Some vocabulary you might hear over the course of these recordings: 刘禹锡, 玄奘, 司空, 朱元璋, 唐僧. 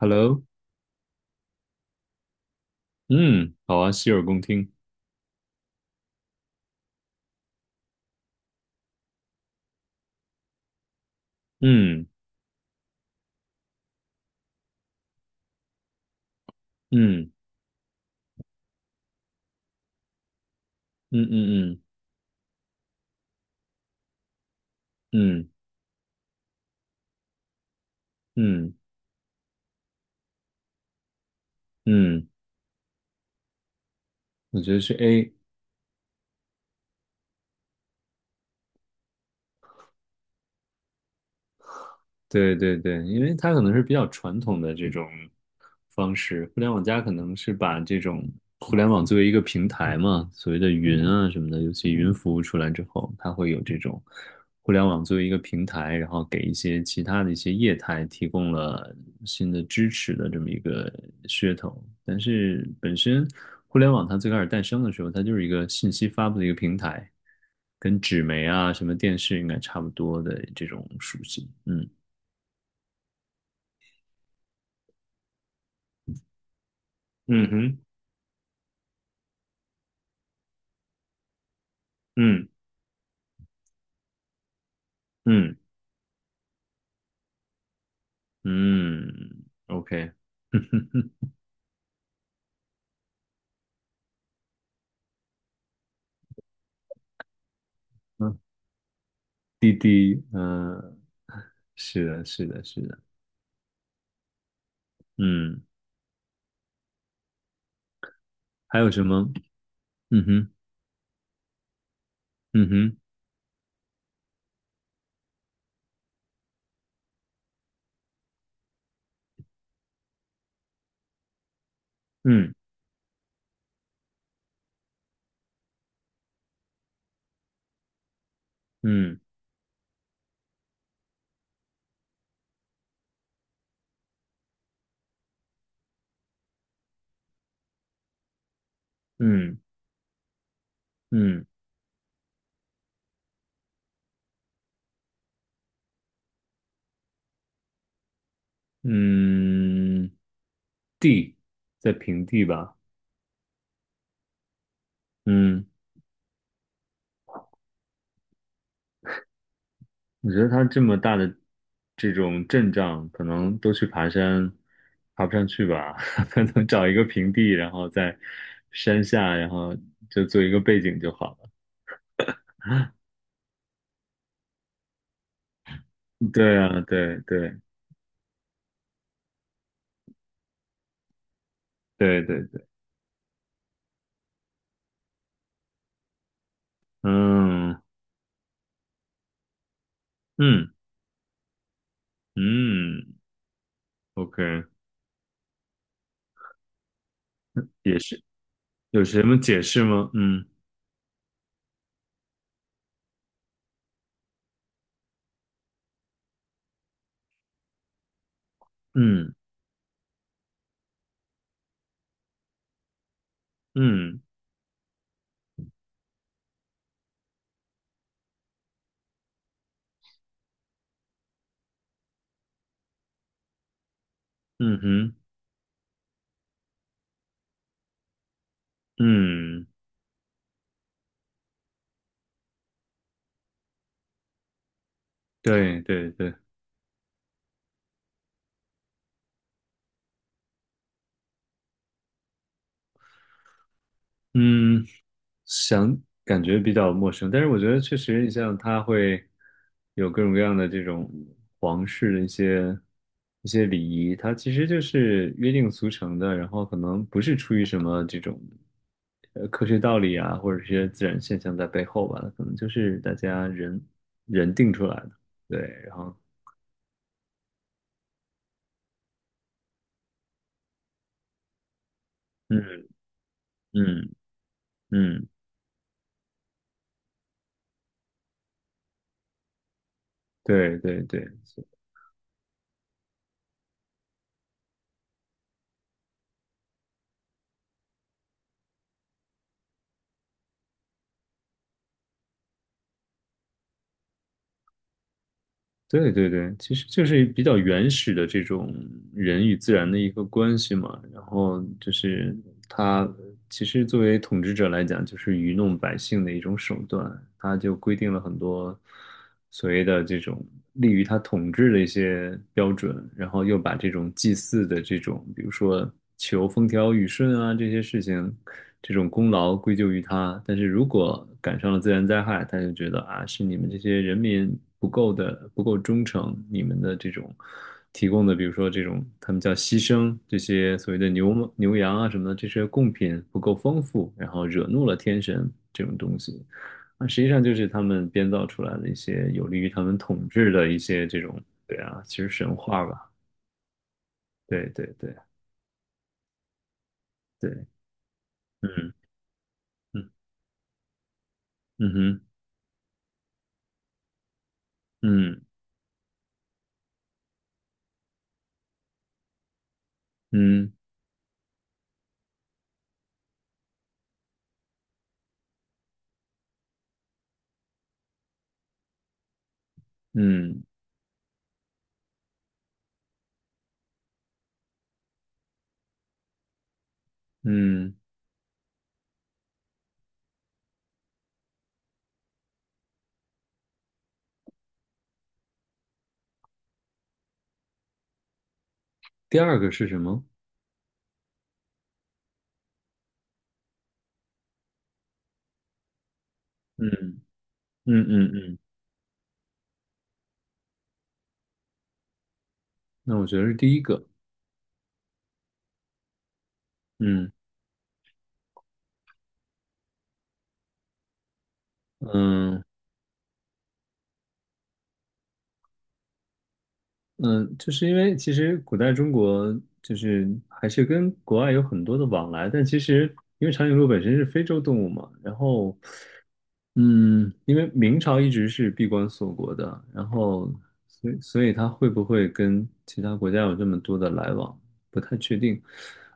Hello，嗯，好啊，洗耳恭听。嗯嗯嗯嗯嗯嗯嗯嗯，我觉得是 A，对对对，因为它可能是比较传统的这种方式，互联网加可能是把这种互联网作为一个平台嘛，所谓的云啊什么的，尤其云服务出来之后，它会有这种互联网作为一个平台，然后给一些其他的一些业态提供了新的支持的这么一个噱头。但是本身互联网它最开始诞生的时候，它就是一个信息发布的一个平台，跟纸媒啊什么电视应该差不多的这种属性，嗯。嗯哼，嗯嗯嗯，OK，嗯，滴滴，嗯，是的，是的，是的，嗯，还有什么？嗯哼，嗯哼，嗯嗯嗯嗯嗯，地在平地吧？嗯，我觉得它这么大的这种阵仗，可能都去爬山，爬不上去吧？可能找一个平地，然后在山下，然后就做一个背景就好了。对啊，对对对对对，嗯嗯嗯，OK，也是，有什么解释吗？嗯嗯嗯嗯哼，嗯，对对对，嗯。想感觉比较陌生，但是我觉得确实，你像它会有各种各样的这种皇室的一些一些礼仪，它其实就是约定俗成的，然后可能不是出于什么这种科学道理啊，或者是一些自然现象在背后吧，可能就是大家人人定出来的，对，然后嗯嗯嗯，对对对，对对对，其实就是比较原始的这种人与自然的一个关系嘛。然后就是他其实作为统治者来讲，就是愚弄百姓的一种手段。他就规定了很多所谓的这种利于他统治的一些标准，然后又把这种祭祀的这种，比如说求风调雨顺啊这些事情，这种功劳归咎于他。但是如果赶上了自然灾害，他就觉得啊，是你们这些人民。不够的不够忠诚，你们的这种提供的，比如说这种他们叫牺牲，这些所谓的牛羊啊什么的，这些贡品不够丰富，然后惹怒了天神这种东西，啊，实际上就是他们编造出来的一些有利于他们统治的一些这种，对啊，其实神话吧，对对对对，嗯嗯嗯哼嗯嗯嗯嗯，第二个是什么？嗯嗯嗯嗯，那我觉得是第一个，嗯。嗯，嗯，就是因为其实古代中国就是还是跟国外有很多的往来，但其实因为长颈鹿本身是非洲动物嘛，然后嗯，因为明朝一直是闭关锁国的，然后所以它会不会跟其他国家有这么多的来往，不太确定。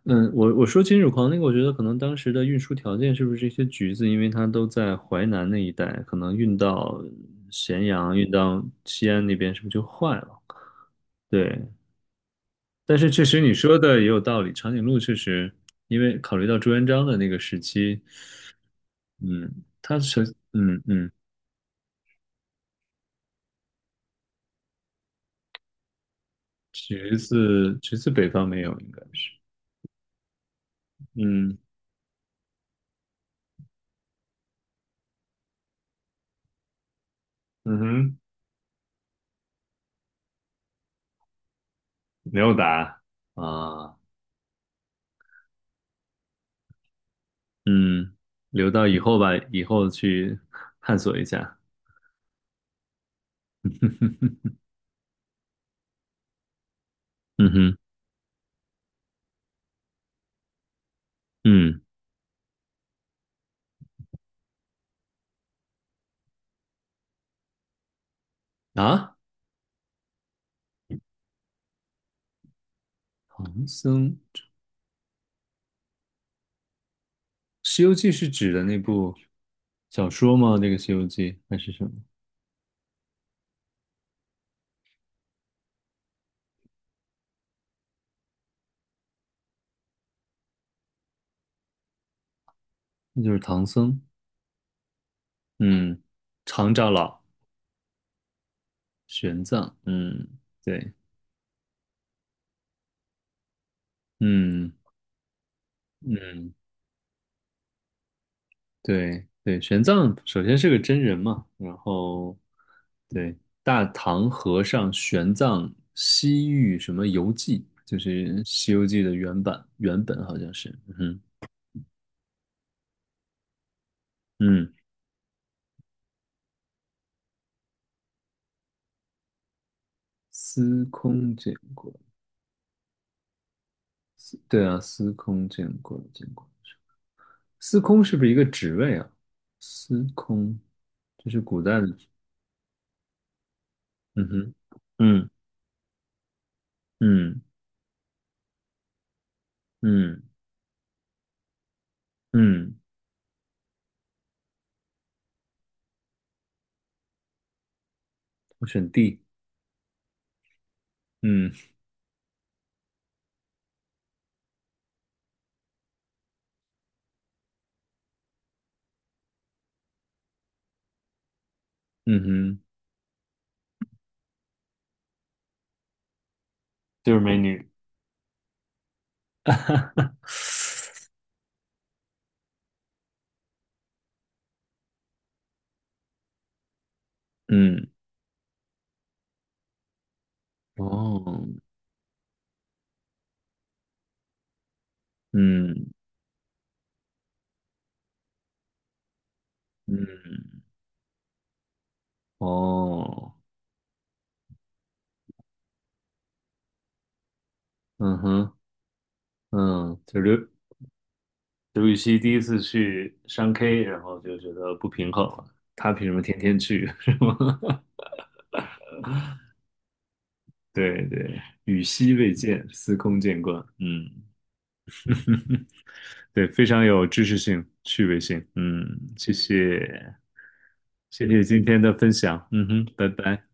嗯，我说金属狂那个，我觉得可能当时的运输条件是不是一些橘子，因为它都在淮南那一带，可能运到咸阳、运到西安那边，是不是就坏了？对。但是确实你说的也有道理，长颈鹿确实，因为考虑到朱元璋的那个时期，嗯，他是，嗯嗯，橘子橘子北方没有，应该是，嗯嗯哼，没有答啊，嗯，留到以后吧，以后去探索一下，嗯哼，嗯啊，唐僧，《西游记》是指的那部小说吗？那个《西游记》还是什么？那就是唐僧，嗯，常长老。玄奘，嗯，对，嗯嗯，对对，玄奘首先是个真人嘛，然后对大唐和尚玄奘西域什么游记，就是《西游记》的原版原本好像是，嗯嗯，司空见过，司对啊，司空见过见过，司空是不是一个职位啊？司空，这是古代的，嗯哼，嗯嗯嗯嗯。嗯我选 D，嗯嗯哼，就是美女。嗯，哦，嗯嗯，哦，嗯哼，嗯，就刘，刘禹锡第一次去商 K，然后就觉得不平衡了他凭什么天天去，是吗？对对，与昔未见，司空见惯。嗯，对，非常有知识性、趣味性。嗯，谢谢，谢谢今天的分享。嗯哼，拜拜。